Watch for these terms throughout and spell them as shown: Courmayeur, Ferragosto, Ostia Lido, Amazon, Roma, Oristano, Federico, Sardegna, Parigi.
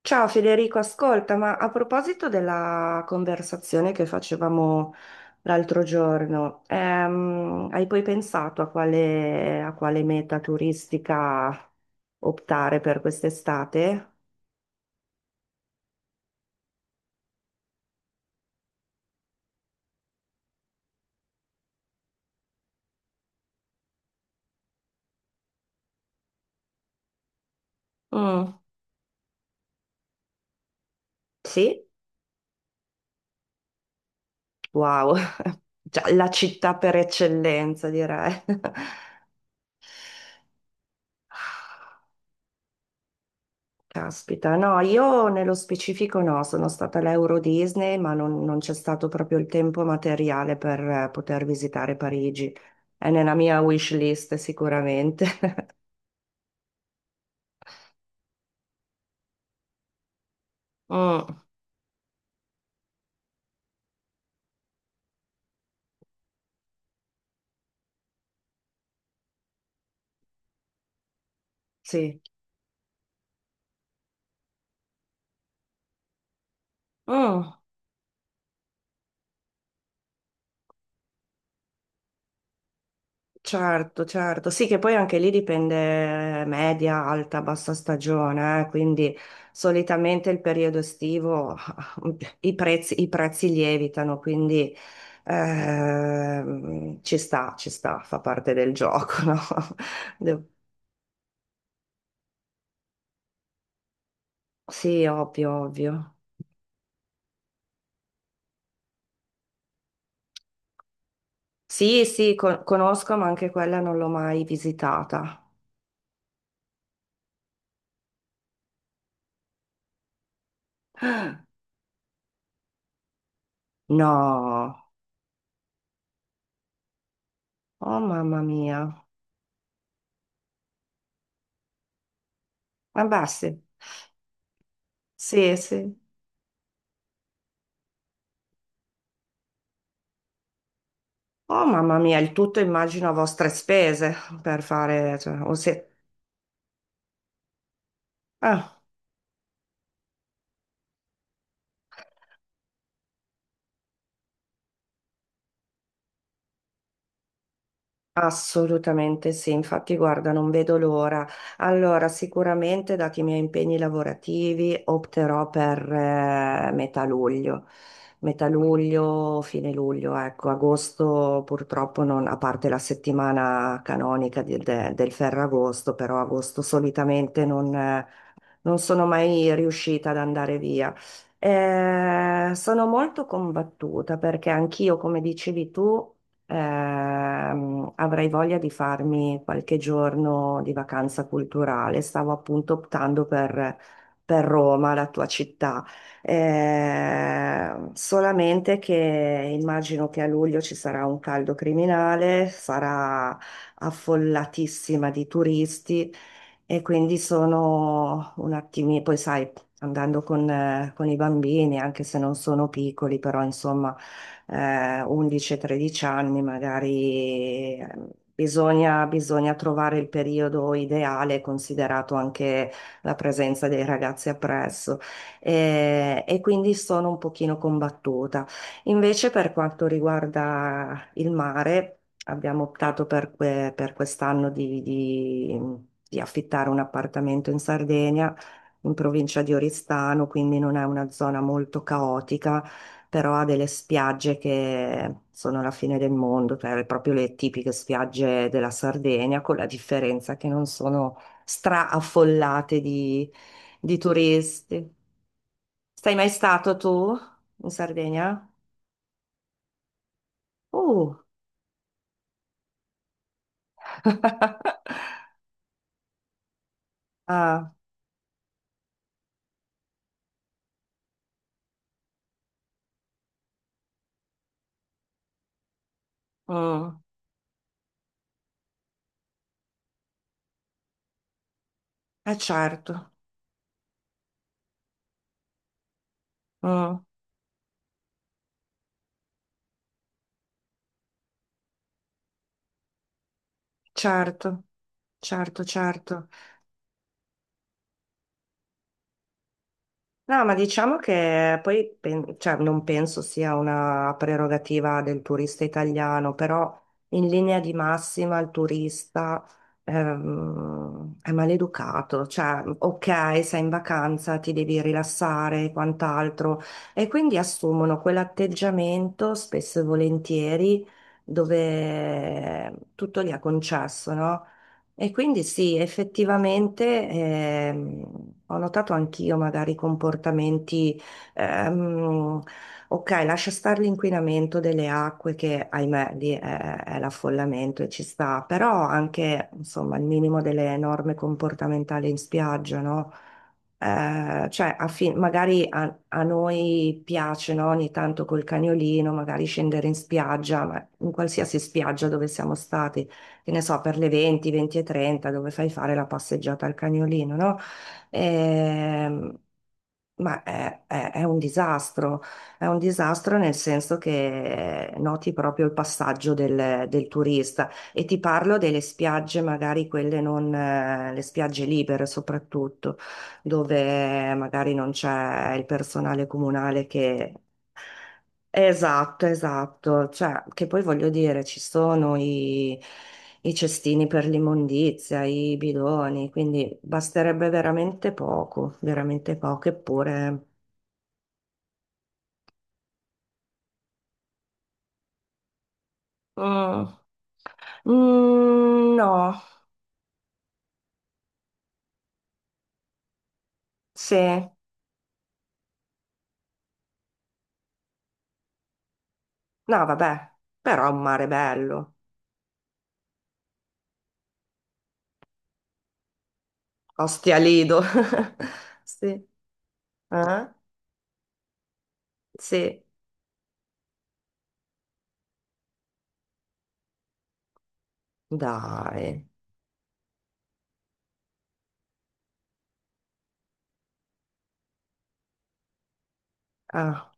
Ciao Federico, ascolta, ma a proposito della conversazione che facevamo l'altro giorno, hai poi pensato a quale meta turistica optare per quest'estate? Mm, sì? Wow, Già, la città per eccellenza direi. Caspita, no, io nello specifico no, sono stata all'Euro Disney, ma non c'è stato proprio il tempo materiale per poter visitare Parigi. È nella mia wish list sicuramente. Mm, sì. Mm. Certo, certo, sì che poi anche lì dipende media, alta, bassa stagione, quindi solitamente il periodo estivo i prezzi lievitano, quindi ci sta, fa parte del gioco, no? De- Sì, ovvio, ovvio. Sì, sì, conosco, ma anche quella non l'ho mai visitata. No, oh mamma mia, vabbè sì, sì, sì. Oh mamma mia, il tutto immagino a vostre spese per fare, cioè, o se- ah, assolutamente sì, infatti guarda, non vedo l'ora. Allora, sicuramente dati i miei impegni lavorativi opterò per metà luglio, fine luglio, ecco, agosto purtroppo non, a parte la settimana canonica del Ferragosto, però agosto solitamente non sono mai riuscita ad andare via. Sono molto combattuta perché anch'io, come dicevi tu, avrei voglia di farmi qualche giorno di vacanza culturale. Stavo appunto optando per Roma, la tua città. Solamente che immagino che a luglio ci sarà un caldo criminale, sarà affollatissima di turisti. E quindi sono un attimino, poi sai, andando con i bambini, anche se non sono piccoli, però insomma, 11-13 anni magari bisogna trovare il periodo ideale, considerato anche la presenza dei ragazzi appresso. E quindi sono un pochino combattuta. Invece per quanto riguarda il mare, abbiamo optato per quest'anno di affittare un appartamento in Sardegna, in provincia di Oristano, quindi non è una zona molto caotica, però ha delle spiagge che sono la fine del mondo, cioè proprio le tipiche spiagge della Sardegna, con la differenza che non sono straaffollate di turisti. Sei mai stato tu in Sardegna? Uh! Ah, mm. Eh certo, mm, certo, certo, certo. No, ma diciamo che poi cioè, non penso sia una prerogativa del turista italiano, però in linea di massima il turista è maleducato. Cioè, ok, sei in vacanza, ti devi rilassare e quant'altro, e quindi assumono quell'atteggiamento spesso e volentieri dove tutto gli è concesso, no? E quindi sì, effettivamente ho notato anch'io magari comportamenti, ehm, ok, lascia stare l'inquinamento delle acque che ahimè lì è l'affollamento e ci sta, però anche insomma il minimo delle norme comportamentali in spiaggia, no? Cioè, magari a noi piace, no, ogni tanto col cagnolino, magari scendere in spiaggia, ma in qualsiasi spiaggia dove siamo stati che ne so, per le 20, 20 e 30, dove fai fare la passeggiata al cagnolino, no? Ehm, ma è un disastro, è un disastro nel senso che noti proprio il passaggio del turista e ti parlo delle spiagge, magari quelle non, le spiagge libere soprattutto, dove magari non c'è il personale comunale che esatto, esatto, cioè, che poi voglio dire, ci sono i cestini per l'immondizia, i bidoni, quindi basterebbe veramente poco, eppure... mm, mm, no, sì, no, vabbè, però è un mare bello, Ostia Lido, sì, eh? Sì, dai, ah,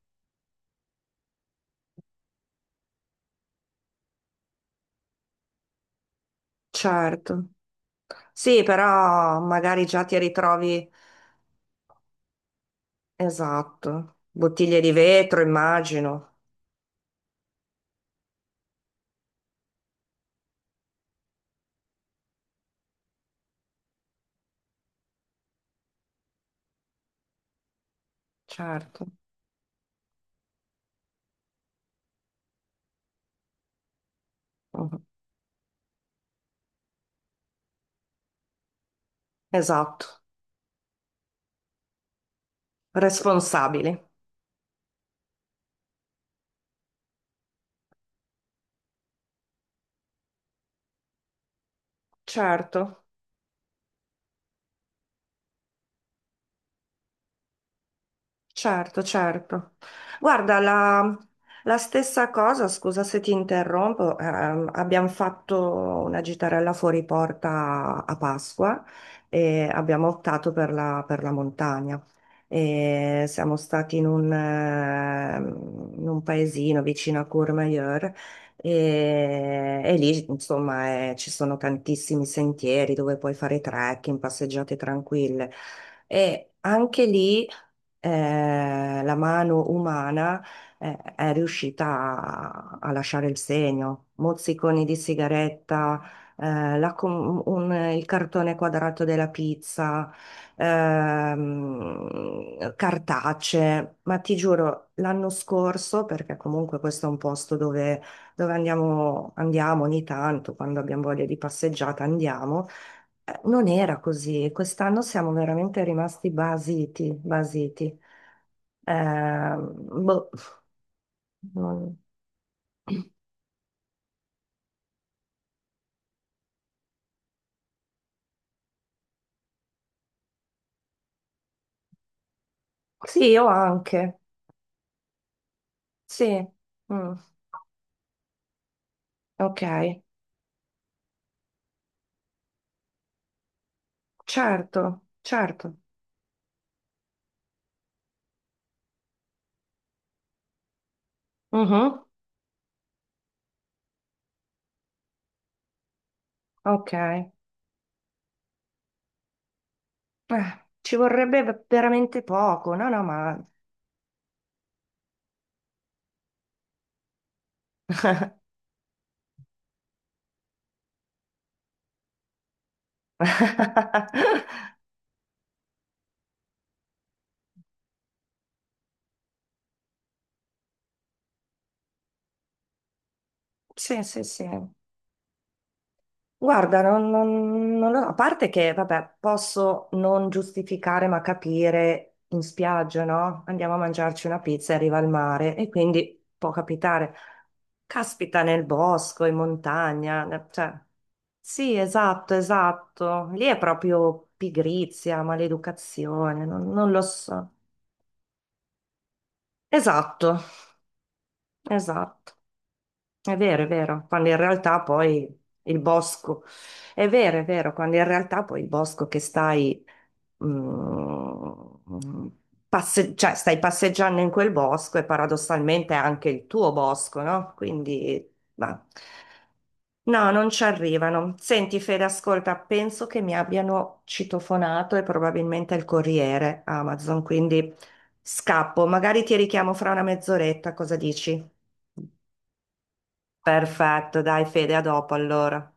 certo, sì, però magari già ti ritrovi... Esatto, bottiglie di vetro, immagino, certo, mhm. Esatto, responsabili, certo. Certo, certo. Guarda, la stessa cosa, scusa se ti interrompo, abbiamo fatto una gitarella fuori porta a Pasqua e abbiamo optato per la montagna. E siamo stati in un paesino vicino a Courmayeur e lì, insomma, ci sono tantissimi sentieri dove puoi fare trekking, passeggiate tranquille. E anche lì la mano umana è riuscita a lasciare il segno. Mozziconi di sigaretta, il cartone quadrato della pizza, cartacee, ma ti giuro, l'anno scorso, perché comunque questo è un posto dove andiamo ogni tanto, quando abbiamo voglia di passeggiata andiamo. Non era così, e quest'anno siamo veramente rimasti basiti, basiti. Eh, Boh, non- Sì, io anche, sì, mm, ok, certo, certo, mhm, ok. Ci vorrebbe veramente poco, no, no, ma... Sì, sì, sì. Guarda, non lo so, a parte che, vabbè, posso non giustificare ma capire in spiaggia, no? Andiamo a mangiarci una pizza e arriva il mare e quindi può capitare. Caspita nel bosco, in montagna, cioè, sì, esatto, esatto. Lì è proprio pigrizia, maleducazione, non lo so. Esatto, esatto. È vero, quando in realtà poi il bosco, è vero, quando in realtà poi il bosco che stai, mm, cioè stai passeggiando in quel bosco e paradossalmente è anche il tuo bosco, no? Quindi, ma- no, non ci arrivano. Senti, Fede, ascolta, penso che mi abbiano citofonato e probabilmente il corriere Amazon, quindi scappo, magari ti richiamo fra una mezz'oretta, cosa dici? Perfetto, dai Fede, a dopo allora.